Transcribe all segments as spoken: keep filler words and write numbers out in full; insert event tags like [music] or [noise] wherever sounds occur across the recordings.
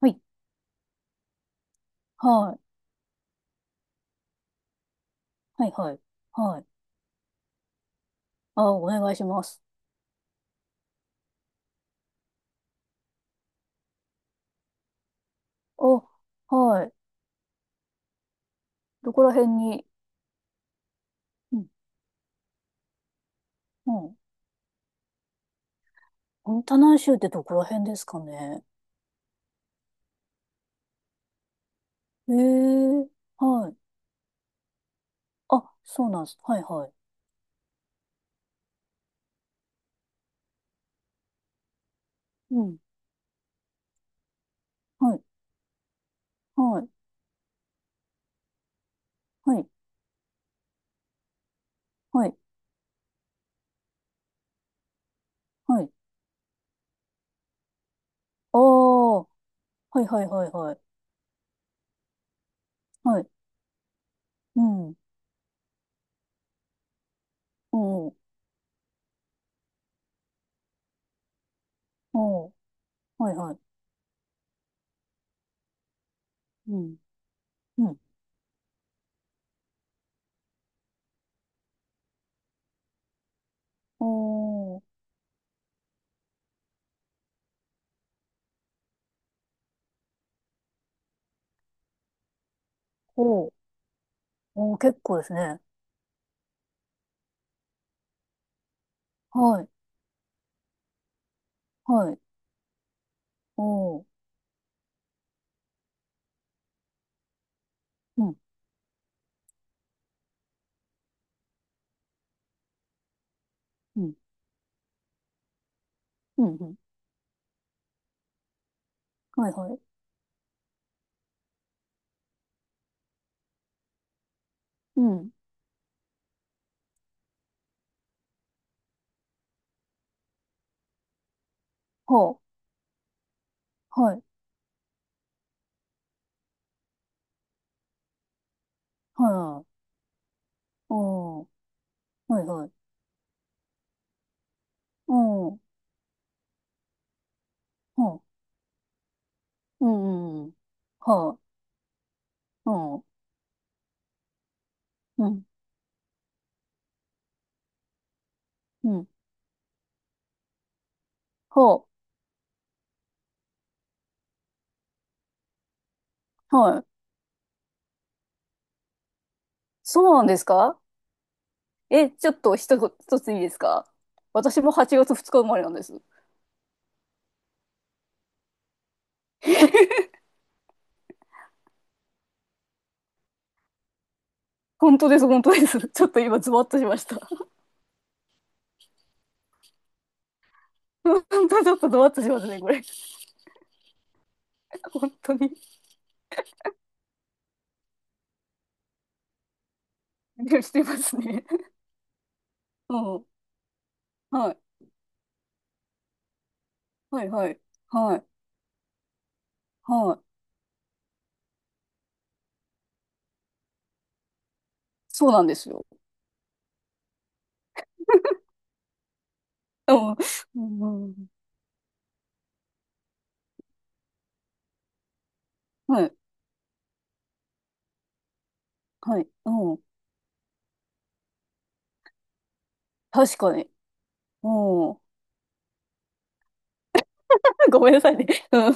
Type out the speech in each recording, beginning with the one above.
はい、はい、はい、はい、はい。あ、お願いします。あ、はい。どこら辺に、うん、うん。モンタナ州ってどこら辺ですかね？ええ、はい。あ、そうなんです。はい、はい。うん、はい、はい、はい、はい、はい。ああ、はい、はい、はい、はい。はい、うん、おー、おー、はい、はい。うん、うん、おー、おー、おー、結構ですね。はい、はい、おー、うん、うん、うん、うん。はいはい。うん。ほう。はい。はい。おー。はいはい。おー。ほう。うん。うん。はい。うん。うん。うん。ほう。はい。そうなんですか？え、ちょっと一つ、一ついいですか？私もはちがつふつか生まれなんです。[laughs] 本当です、本当です。ちょっと今、ズワッとしました。[laughs] 本当、ちょっとズワッとしますね、これ。本当に。でしてますね。[laughs] うん。はい。はい、はい。はい。はい。そうなんですよ。うん。うん。うん、はい。はい。うん。確かに。うん。[laughs] ごめんなさいね。うん。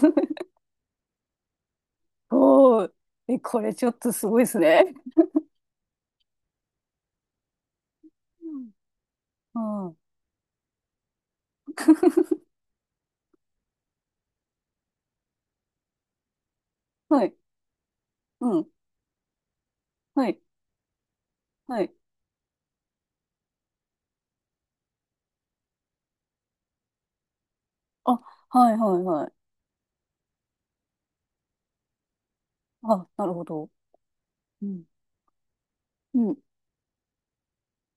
おー。え、これちょっとすごいですね。うん。うん。[laughs] はい。うん。はい。はい。あ、はい、はい、はい。あ、なるほど。うん。うん。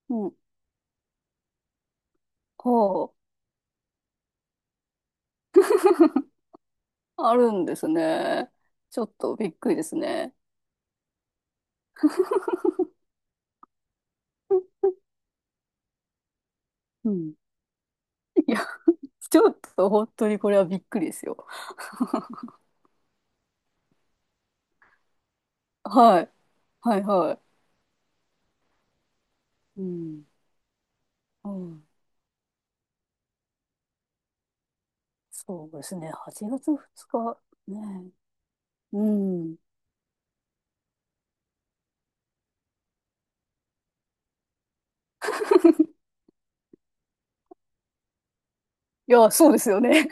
うん。ほう。[laughs] あるんですね。ちょっとびっくりですね。うん。[laughs] いや、ちょっと本当にこれはびっくりですよ。はい。はいはい。うん。うん。そうですね。はちがつふつかね。うん。いや、そうですよね。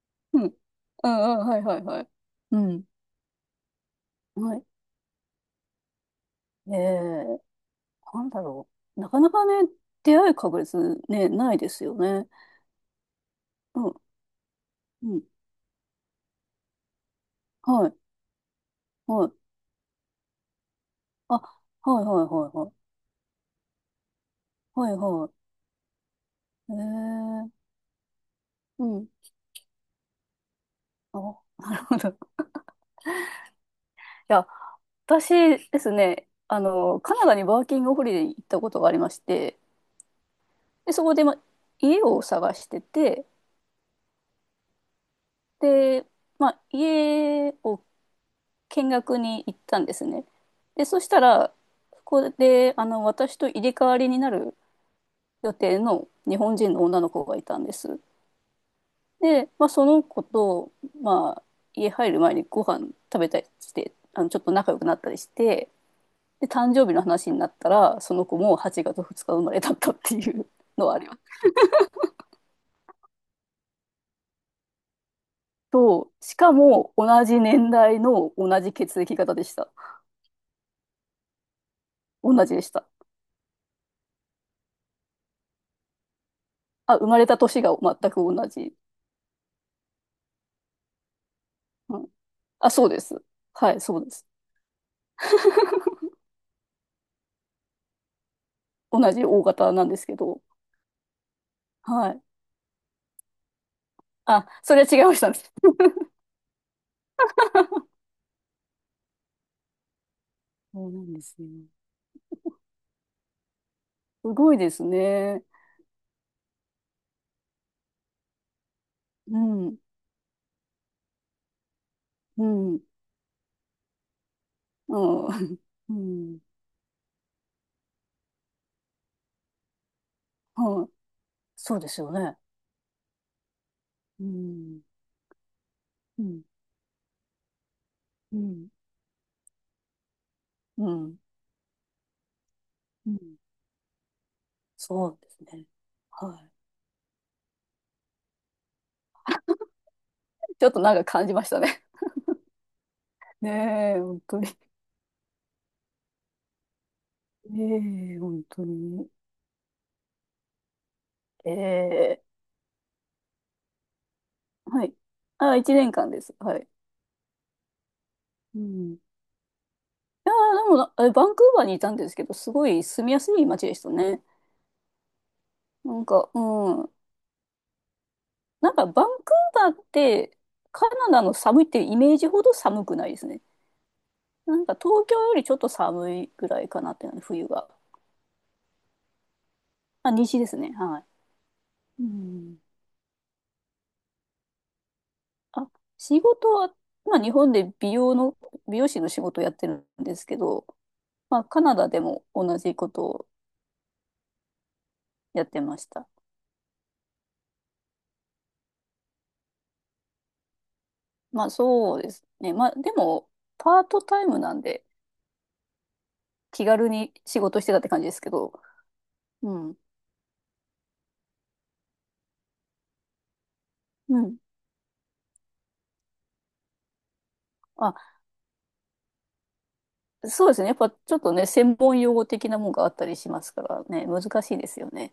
[laughs] うん。うん、うん、はいはいはい。うん。はい。ええなんだろう。なかなかね、出会い確率ね、ないですよね。うん、うん。はい、はい。あ、はいはいはいはい。はいはい。ええ、うん。あ、なるほど。いや、私ですね、あの、カナダにワーキングホリデーに行ったことがありまして、で、そこで、ま、家を探してて、で、まあ、家を見学に行ったんですね。で、そしたら、そこで、あの、私と入れ替わりになる予定の日本人の女の子がいたんです。で、まあ、その子と、まあ、家入る前にご飯食べたりして、あの、ちょっと仲良くなったりして、で、誕生日の話になったら、その子もはちがつふつか生まれだったっていうのはあります。と、しかも同じ年代の同じ血液型でした。同じでした。あ、生まれた年が全く同じ。うん、あ、そうです。はい、そうです。[laughs] 同じ大型なんですけど。はい。あ、それは違いましたね。[laughs] そうなんですね。すごいですね。うん、うん、うん、[laughs] うん、はい。そうですよね。うん、うん、うん、うん、うん。そうですね。はい。ちょっとなんか感じましたね。[laughs] ねえ、本当に。ねえ、本当に。ええ、はい。あ、一年間です。はい。うん。いやーでもな、えバンクーバーにいたんですけど、すごい住みやすい街でしたね。なんか、うん。なんか、バンクーバーって、カナダの寒いっていうイメージほど寒くないですね。なんか、東京よりちょっと寒いぐらいかなっていうのね、冬が。あ、西ですね。はい。うん。あ、仕事は、まあ、日本で美容の、美容師の仕事をやってるんですけど、まあ、カナダでも同じことをやってました。まあ、そうですね。まあ、でも、パートタイムなんで、気軽に仕事してたって感じですけど。うん。うん。あ、そうですね。やっぱちょっとね、専門用語的なもんがあったりしますからね、難しいですよね。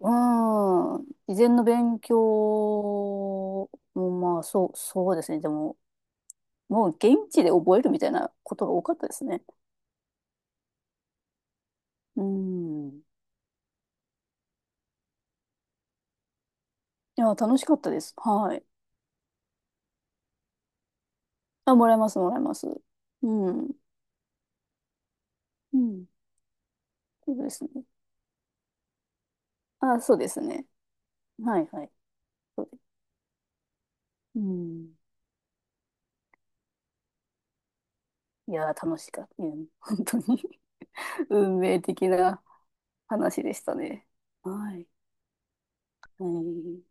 うーん。事前の勉強も、まあ、そう、そうですね。でも、もう現地で覚えるみたいなことが多かったですね。うん。いや、楽しかったです。はい。あ、もらえます、もらえます。うん。うん。そうですね。あ、そうですね。はい、はい。そうです。うん。いやー、楽しかった。うん、本当に。 [laughs] 運命的な話でしたね。はい。はい。